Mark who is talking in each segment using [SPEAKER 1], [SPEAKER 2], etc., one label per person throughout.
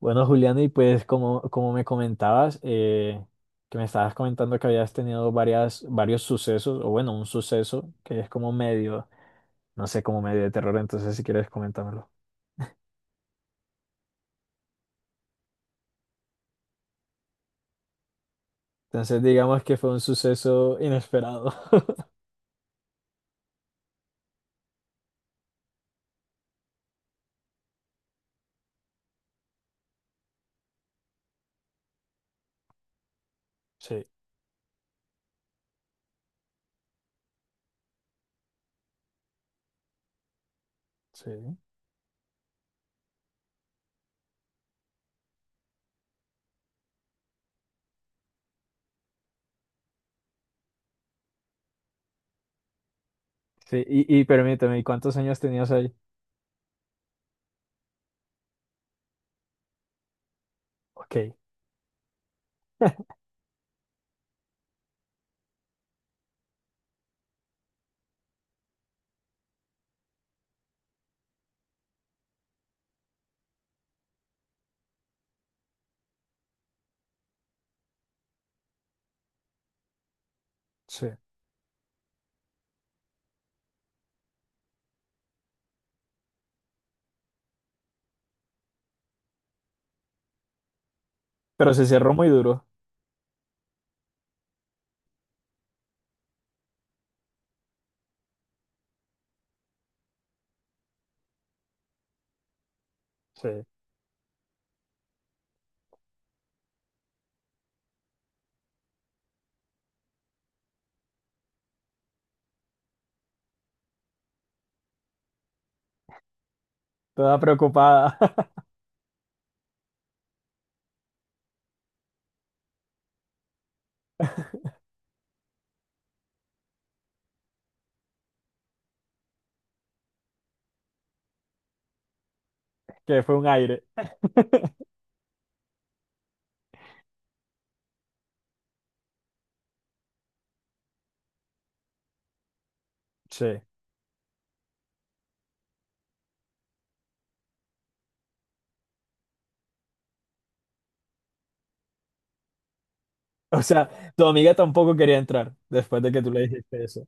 [SPEAKER 1] Bueno, Julián, y pues como me comentabas, que me estabas comentando que habías tenido varios sucesos, o bueno, un suceso que es como medio, no sé, como medio de terror, entonces si quieres coméntamelo. Entonces digamos que fue un suceso inesperado. Sí, sí. Y permíteme, ¿y cuántos años tenías ahí? Ok, sí. Pero se cerró muy duro. Sí. Toda preocupada, que fue un aire. Sí. O sea, tu amiga tampoco quería entrar después de que tú le dijiste eso.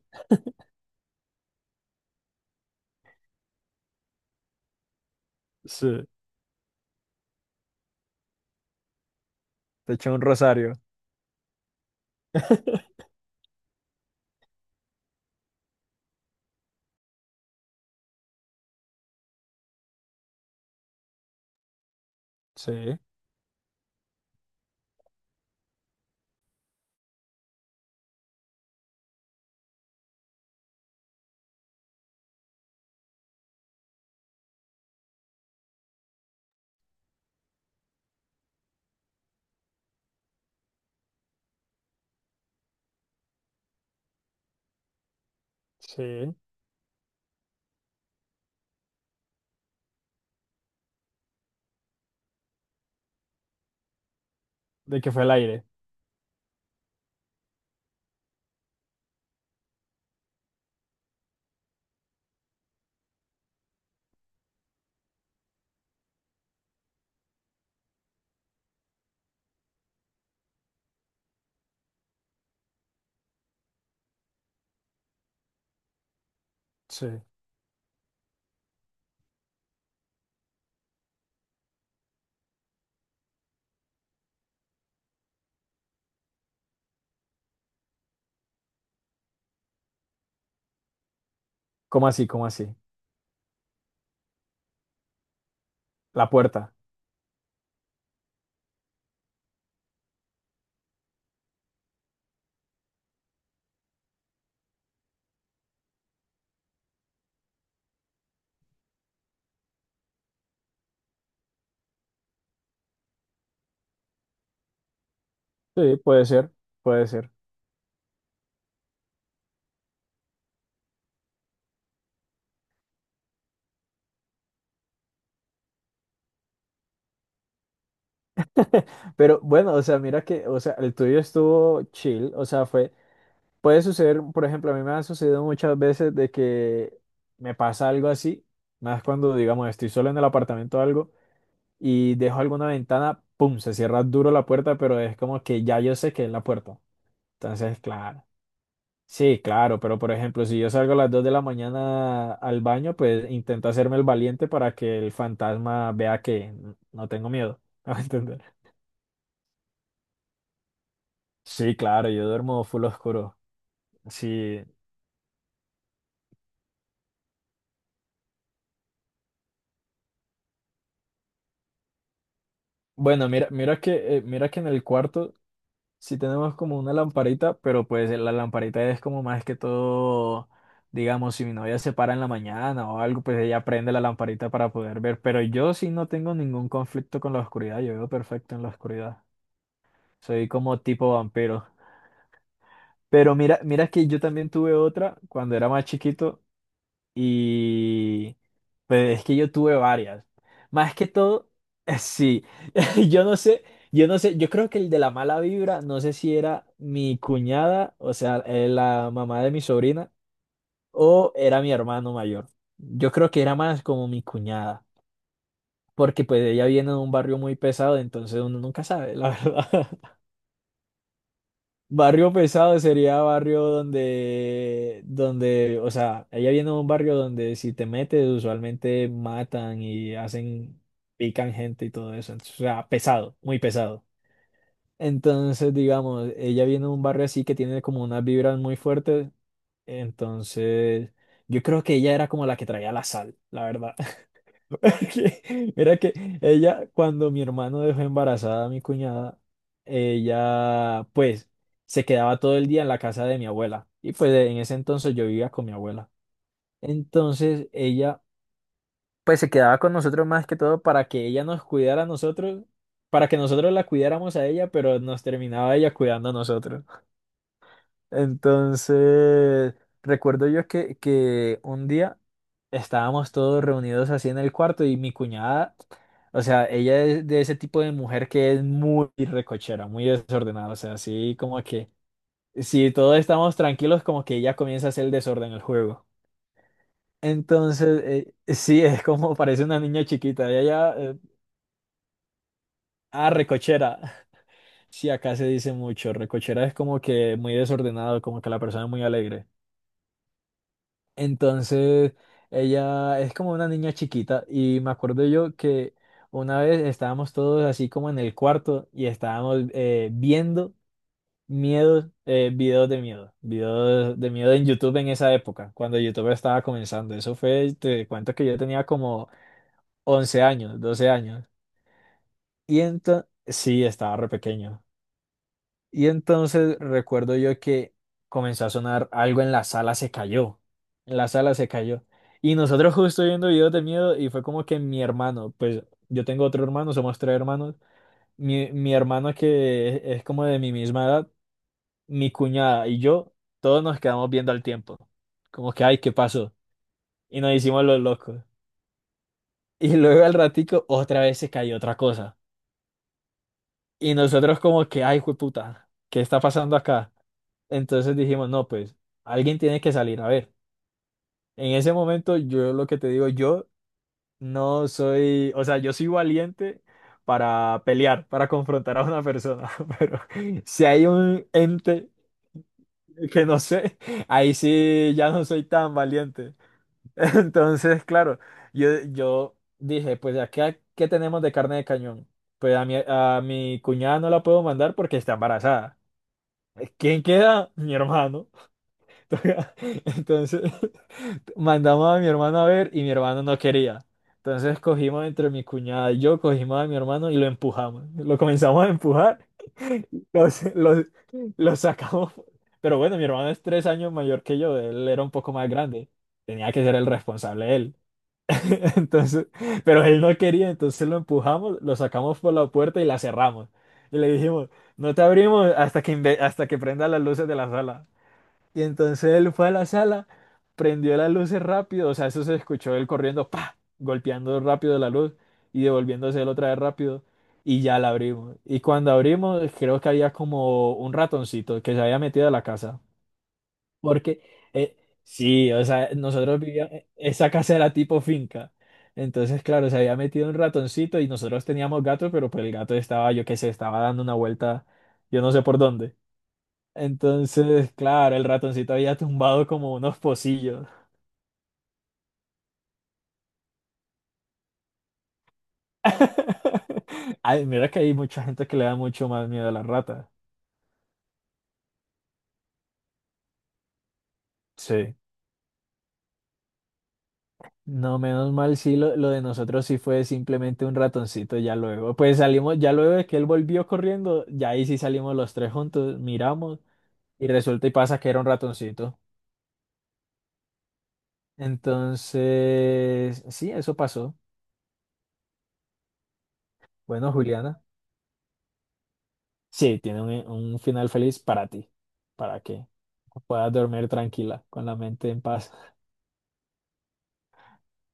[SPEAKER 1] Sí. Te eché un rosario. Sí, sí. De que fue el aire. Sí. ¿Cómo así? ¿Cómo así? La puerta. Sí, puede ser. Puede ser. Pero bueno, o sea, mira que, o sea, el tuyo estuvo chill, o sea, fue, puede suceder. Por ejemplo, a mí me ha sucedido muchas veces de que me pasa algo así, más cuando, digamos, estoy solo en el apartamento o algo y dejo alguna ventana, pum, se cierra duro la puerta, pero es como que ya yo sé que es la puerta. Entonces, claro. Sí, claro, pero por ejemplo, si yo salgo a las 2 de la mañana al baño, pues intento hacerme el valiente para que el fantasma vea que no tengo miedo. ¿Me va a entender? Sí, claro, yo duermo full oscuro. Sí. Bueno, mira que, mira que en el cuarto sí tenemos como una lamparita, pero pues la lamparita es como más que todo, digamos, si mi novia se para en la mañana o algo, pues ella prende la lamparita para poder ver. Pero yo sí no tengo ningún conflicto con la oscuridad, yo veo perfecto en la oscuridad. Soy como tipo vampiro. Pero mira que yo también tuve otra cuando era más chiquito y pues es que yo tuve varias. Más que todo, sí, yo no sé, yo no sé, yo creo que el de la mala vibra, no sé si era mi cuñada, o sea, la mamá de mi sobrina, o era mi hermano mayor. Yo creo que era más como mi cuñada, porque pues ella viene de un barrio muy pesado, entonces uno nunca sabe, la verdad. Barrio pesado sería barrio o sea, ella viene de un barrio donde si te metes usualmente matan y hacen, pican gente y todo eso. Entonces, o sea, pesado, muy pesado. Entonces, digamos, ella viene de un barrio así que tiene como unas vibras muy fuertes. Entonces, yo creo que ella era como la que traía la sal, la verdad. Era que ella, cuando mi hermano dejó embarazada a mi cuñada, ella pues se quedaba todo el día en la casa de mi abuela. Y pues en ese entonces yo vivía con mi abuela. Entonces ella pues se quedaba con nosotros más que todo para que ella nos cuidara a nosotros, para que nosotros la cuidáramos a ella, pero nos terminaba ella cuidando a nosotros. Entonces, recuerdo yo que un día estábamos todos reunidos así en el cuarto y mi cuñada, o sea, ella es de ese tipo de mujer que es muy recochera, muy desordenada, o sea, así como que si todos estamos tranquilos, como que ella comienza a hacer el desorden el juego. Entonces, sí, es como parece una niña chiquita, ella ya, ah, recochera. Sí, acá se dice mucho, recochera es como que muy desordenado, como que la persona es muy alegre. Entonces, ella es como una niña chiquita y me acuerdo yo que una vez estábamos todos así como en el cuarto y estábamos viendo miedos, videos de miedo en YouTube en esa época, cuando YouTube estaba comenzando. Eso fue, te cuento que yo tenía como 11 años, 12 años. Y entonces, sí, estaba re pequeño. Y entonces recuerdo yo que comenzó a sonar algo en la sala, se cayó. En la sala se cayó. Y nosotros justo viendo videos de miedo y fue como que mi hermano, pues yo tengo otro hermano, somos tres hermanos. Mi hermano es como de mi misma edad, mi cuñada y yo, todos nos quedamos viendo al tiempo. Como que, ay, ¿qué pasó? Y nos hicimos los locos. Y luego al ratico otra vez se cayó otra cosa. Y nosotros como que, ay, jueputa, ¿qué está pasando acá? Entonces dijimos, no, pues alguien tiene que salir. A ver, en ese momento yo lo que te digo, yo no soy, o sea, yo soy valiente para pelear, para confrontar a una persona, pero si hay un ente que no sé, ahí sí ya no soy tan valiente. Entonces, claro, yo dije, pues ¿a ¿qué, qué tenemos de carne de cañón? Pues a a mi cuñada no la puedo mandar porque está embarazada. ¿Quién queda? Mi hermano. Entonces... mandamos a mi hermano a ver y mi hermano no quería. Entonces cogimos entre mi cuñada y yo, cogimos a mi hermano y lo empujamos. Lo comenzamos a empujar, lo, lo, lo sacamos. Pero bueno, mi hermano es 3 años mayor que yo, él era un poco más grande. Tenía que ser el responsable él. Entonces, pero él no quería, entonces lo empujamos, lo sacamos por la puerta y la cerramos. Y le dijimos, no te abrimos hasta hasta que prenda las luces de la sala. Y entonces él fue a la sala, prendió las luces rápido, o sea, eso se escuchó él corriendo, pa, golpeando rápido la luz y devolviéndose él otra vez rápido y ya la abrimos. Y cuando abrimos, creo que había como un ratoncito que se había metido a la casa, porque eh, sí, o sea, nosotros vivíamos, esa casa era tipo finca. Entonces, claro, se había metido un ratoncito y nosotros teníamos gatos, pero pues el gato estaba, yo qué sé, estaba dando una vuelta, yo no sé por dónde. Entonces, claro, el ratoncito había tumbado como unos pocillos. Ay, mira que hay mucha gente que le da mucho más miedo a las ratas. Sí. No, menos mal, sí, lo de nosotros sí fue simplemente un ratoncito ya luego. Pues salimos, ya luego de que él volvió corriendo, ya ahí sí salimos los tres juntos, miramos y resulta y pasa que era un ratoncito. Entonces, sí, eso pasó. Bueno, Juliana. Sí, tiene un final feliz para ti, para que puedas dormir tranquila, con la mente en paz.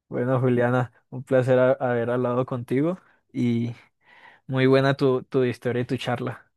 [SPEAKER 1] Bueno, Juliana, un placer haber hablado contigo y muy buena tu historia y tu charla.